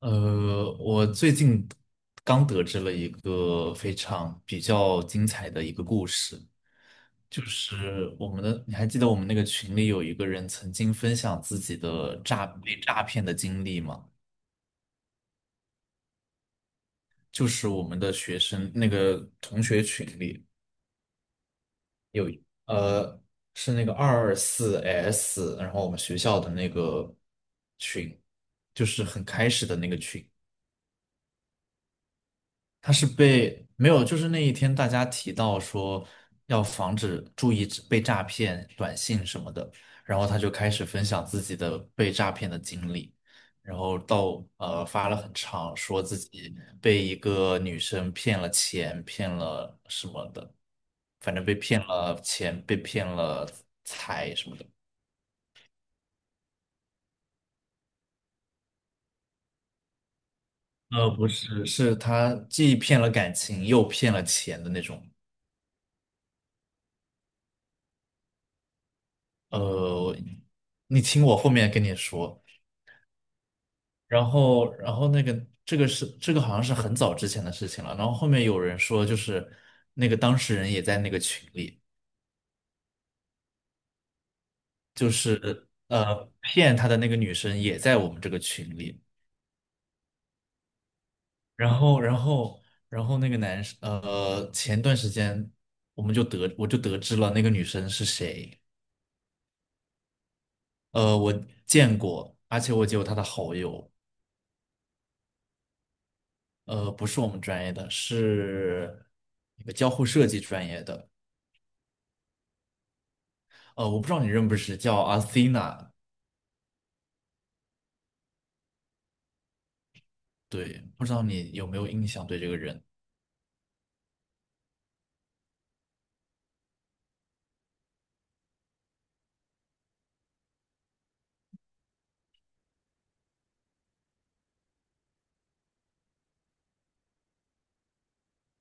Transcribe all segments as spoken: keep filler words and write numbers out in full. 呃，我最近刚得知了一个非常比较精彩的一个故事，就是我们的，你还记得我们那个群里有一个人曾经分享自己的诈被诈骗的经历吗？就是我们的学生那个同学群里有一呃，是那个二二四 S，然后我们学校的那个群，就是很开始的那个群。他是被没有，就是那一天大家提到说要防止注意被诈骗短信什么的，然后他就开始分享自己的被诈骗的经历，然后到呃发了很长，说自己被一个女生骗了钱，骗了什么的，反正被骗了钱，被骗了财什么的。呃，不是，是他既骗了感情又骗了钱的那种。呃，你听我后面跟你说。然后，然后那个这个是这个好像是很早之前的事情了。然后后面有人说，就是那个当事人也在那个群里，就是呃骗他的那个女生也在我们这个群里。然后，然后，然后那个男生，呃，前段时间我们就得我就得知了那个女生是谁。呃，我见过，而且我也有她的好友。呃，不是我们专业的，是那个交互设计专业的。呃，我不知道你认不认识，叫阿 t 娜。对，不知道你有没有印象对这个人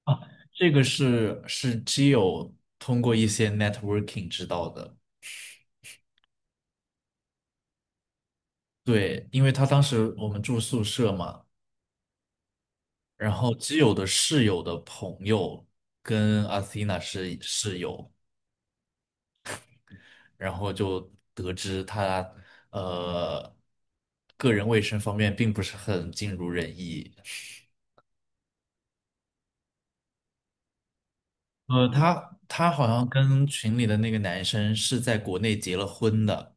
啊，这个是是基友通过一些 networking 知道的。对，因为他当时我们住宿舍嘛，然后基友的室友的朋友跟阿西娜是室友，然后就得知他呃个人卫生方面并不是很尽如人意。呃，他他好像跟群里的那个男生是在国内结了婚的。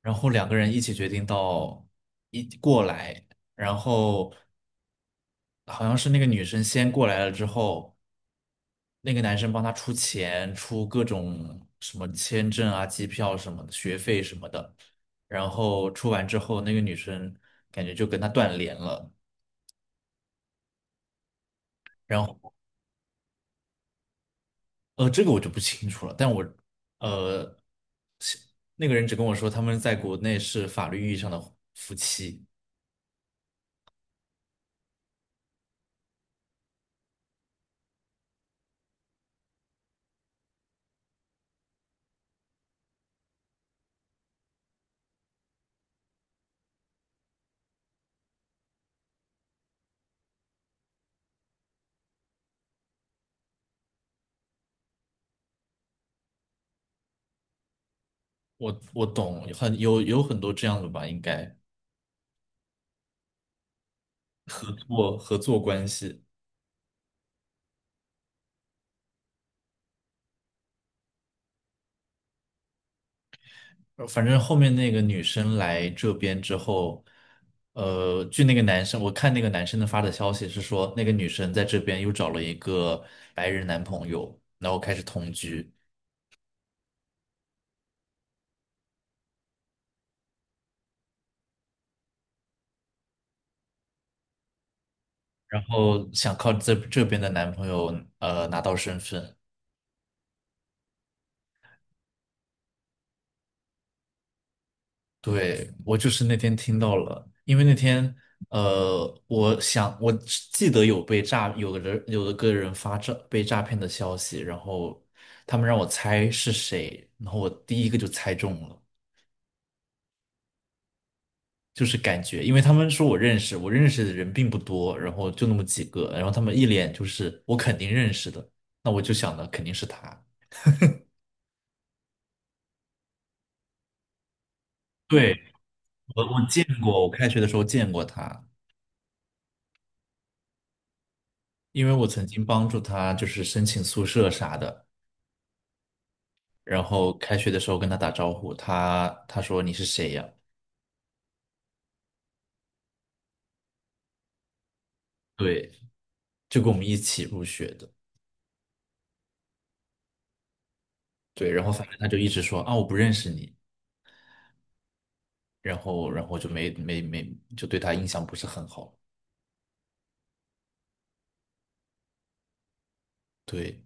然后两个人一起决定到一过来，然后好像是那个女生先过来了之后，那个男生帮她出钱，出各种什么签证啊、机票什么的、学费什么的，然后出完之后，那个女生感觉就跟他断联了，然后呃，这个我就不清楚了，但我呃，是那个人只跟我说他们在国内是法律意义上的夫妻，我我懂，很有有很多这样的吧，应该。我合作关系，呃反正后面那个女生来这边之后，呃，据那个男生，我看那个男生的发的消息是说，那个女生在这边又找了一个白人男朋友，然后开始同居，然后想靠这这边的男朋友呃拿到身份，对，我就是那天听到了，因为那天，呃，我想我只记得有被诈，有个人有的个人发诈被诈骗的消息，然后他们让我猜是谁，然后我第一个就猜中了，就是感觉，因为他们说我认识，我认识的人并不多，然后就那么几个，然后他们一脸就是我肯定认识的，那我就想的肯定是他。对，我我见过，我开学的时候见过他，因为我曾经帮助他就是申请宿舍啥的。然后开学的时候跟他打招呼，他他说你是谁呀？对，就跟我们一起入学的。对，然后反正他就一直说啊我不认识你，然后然后就没没没就对他印象不是很好。对，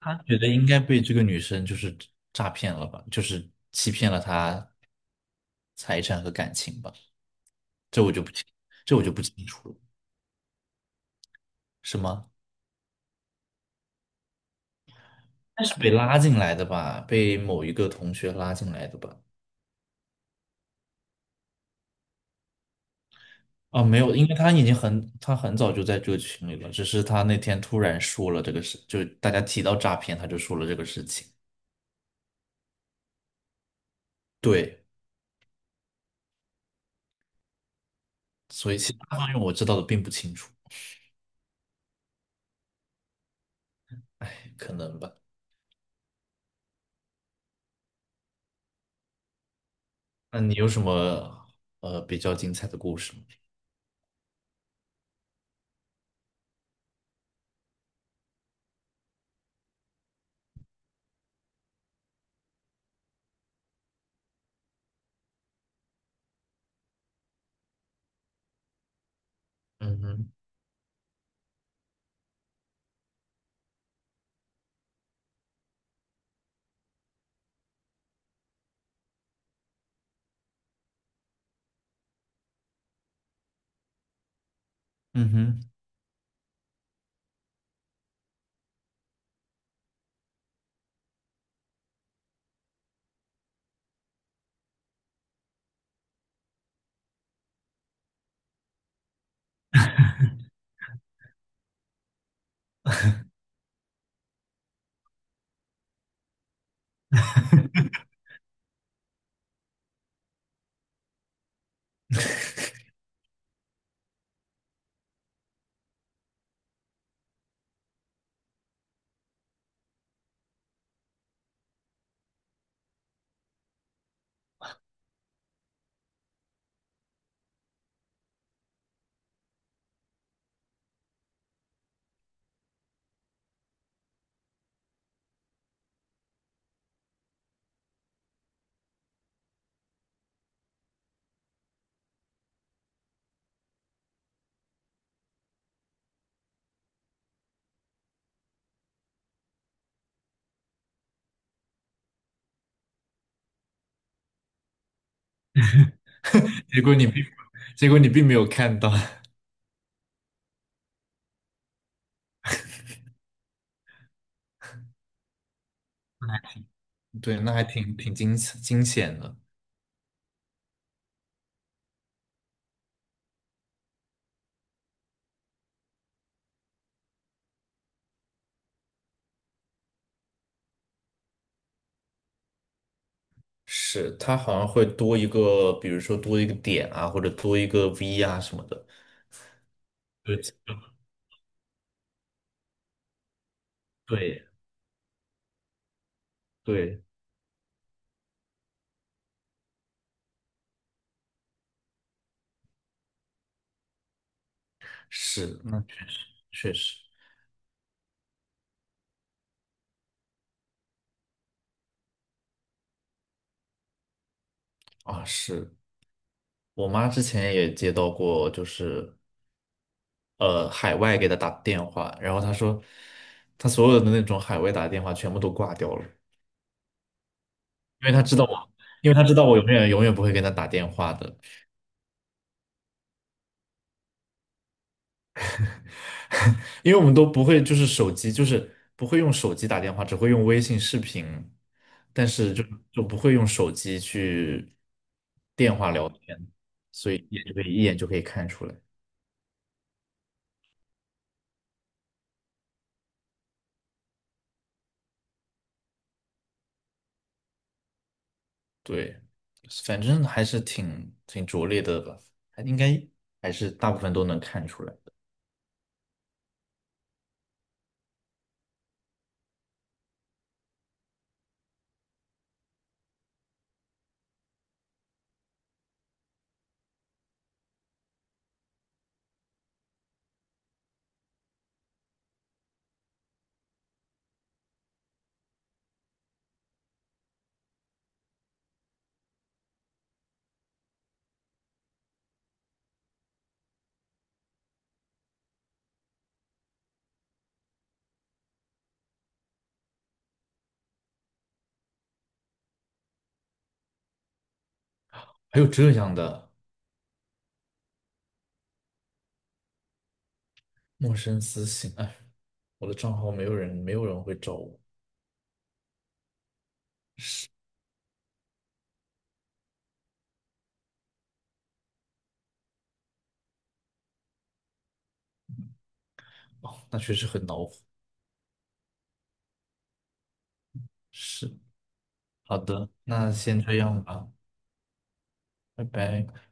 他觉得应该被这个女生就是诈骗了吧，就是欺骗了他财产和感情吧，这我就不清，这我就不清楚了，是吗？但是被拉进来的吧，被某一个同学拉进来的吧。啊，没有，因为他已经很，他很早就在这个群里了，只是他那天突然说了这个事，就大家提到诈骗，他就说了这个事情。对，所以其他方面我知道的并不清楚，哎，可能吧。那你有什么呃比较精彩的故事吗？嗯哼，嗯哼，结果你并，结果你并没有看到，对，那还挺挺惊惊险的。是，他好像会多一个，比如说多一个点啊，或者多一个 V 啊什么的。对，对对，是，那确实确实啊，是我妈之前也接到过，就是呃海外给她打电话，然后她说她所有的那种海外打电话全部都挂掉了，因为她知道我，因为她知道我永远永远不会跟她打电话的，因为我们都不会就是手机就是不会用手机打电话，只会用微信视频，但是就就不会用手机去电话聊天，所以也就可以一眼就可以看出来。对，反正还是挺挺拙劣的吧，还应该还是大部分都能看出来的。还有这样的陌生私信，哎，我的账号没有人，没有人会找我，哦，那确实很恼火。是，好的，那先这样吧，拜拜。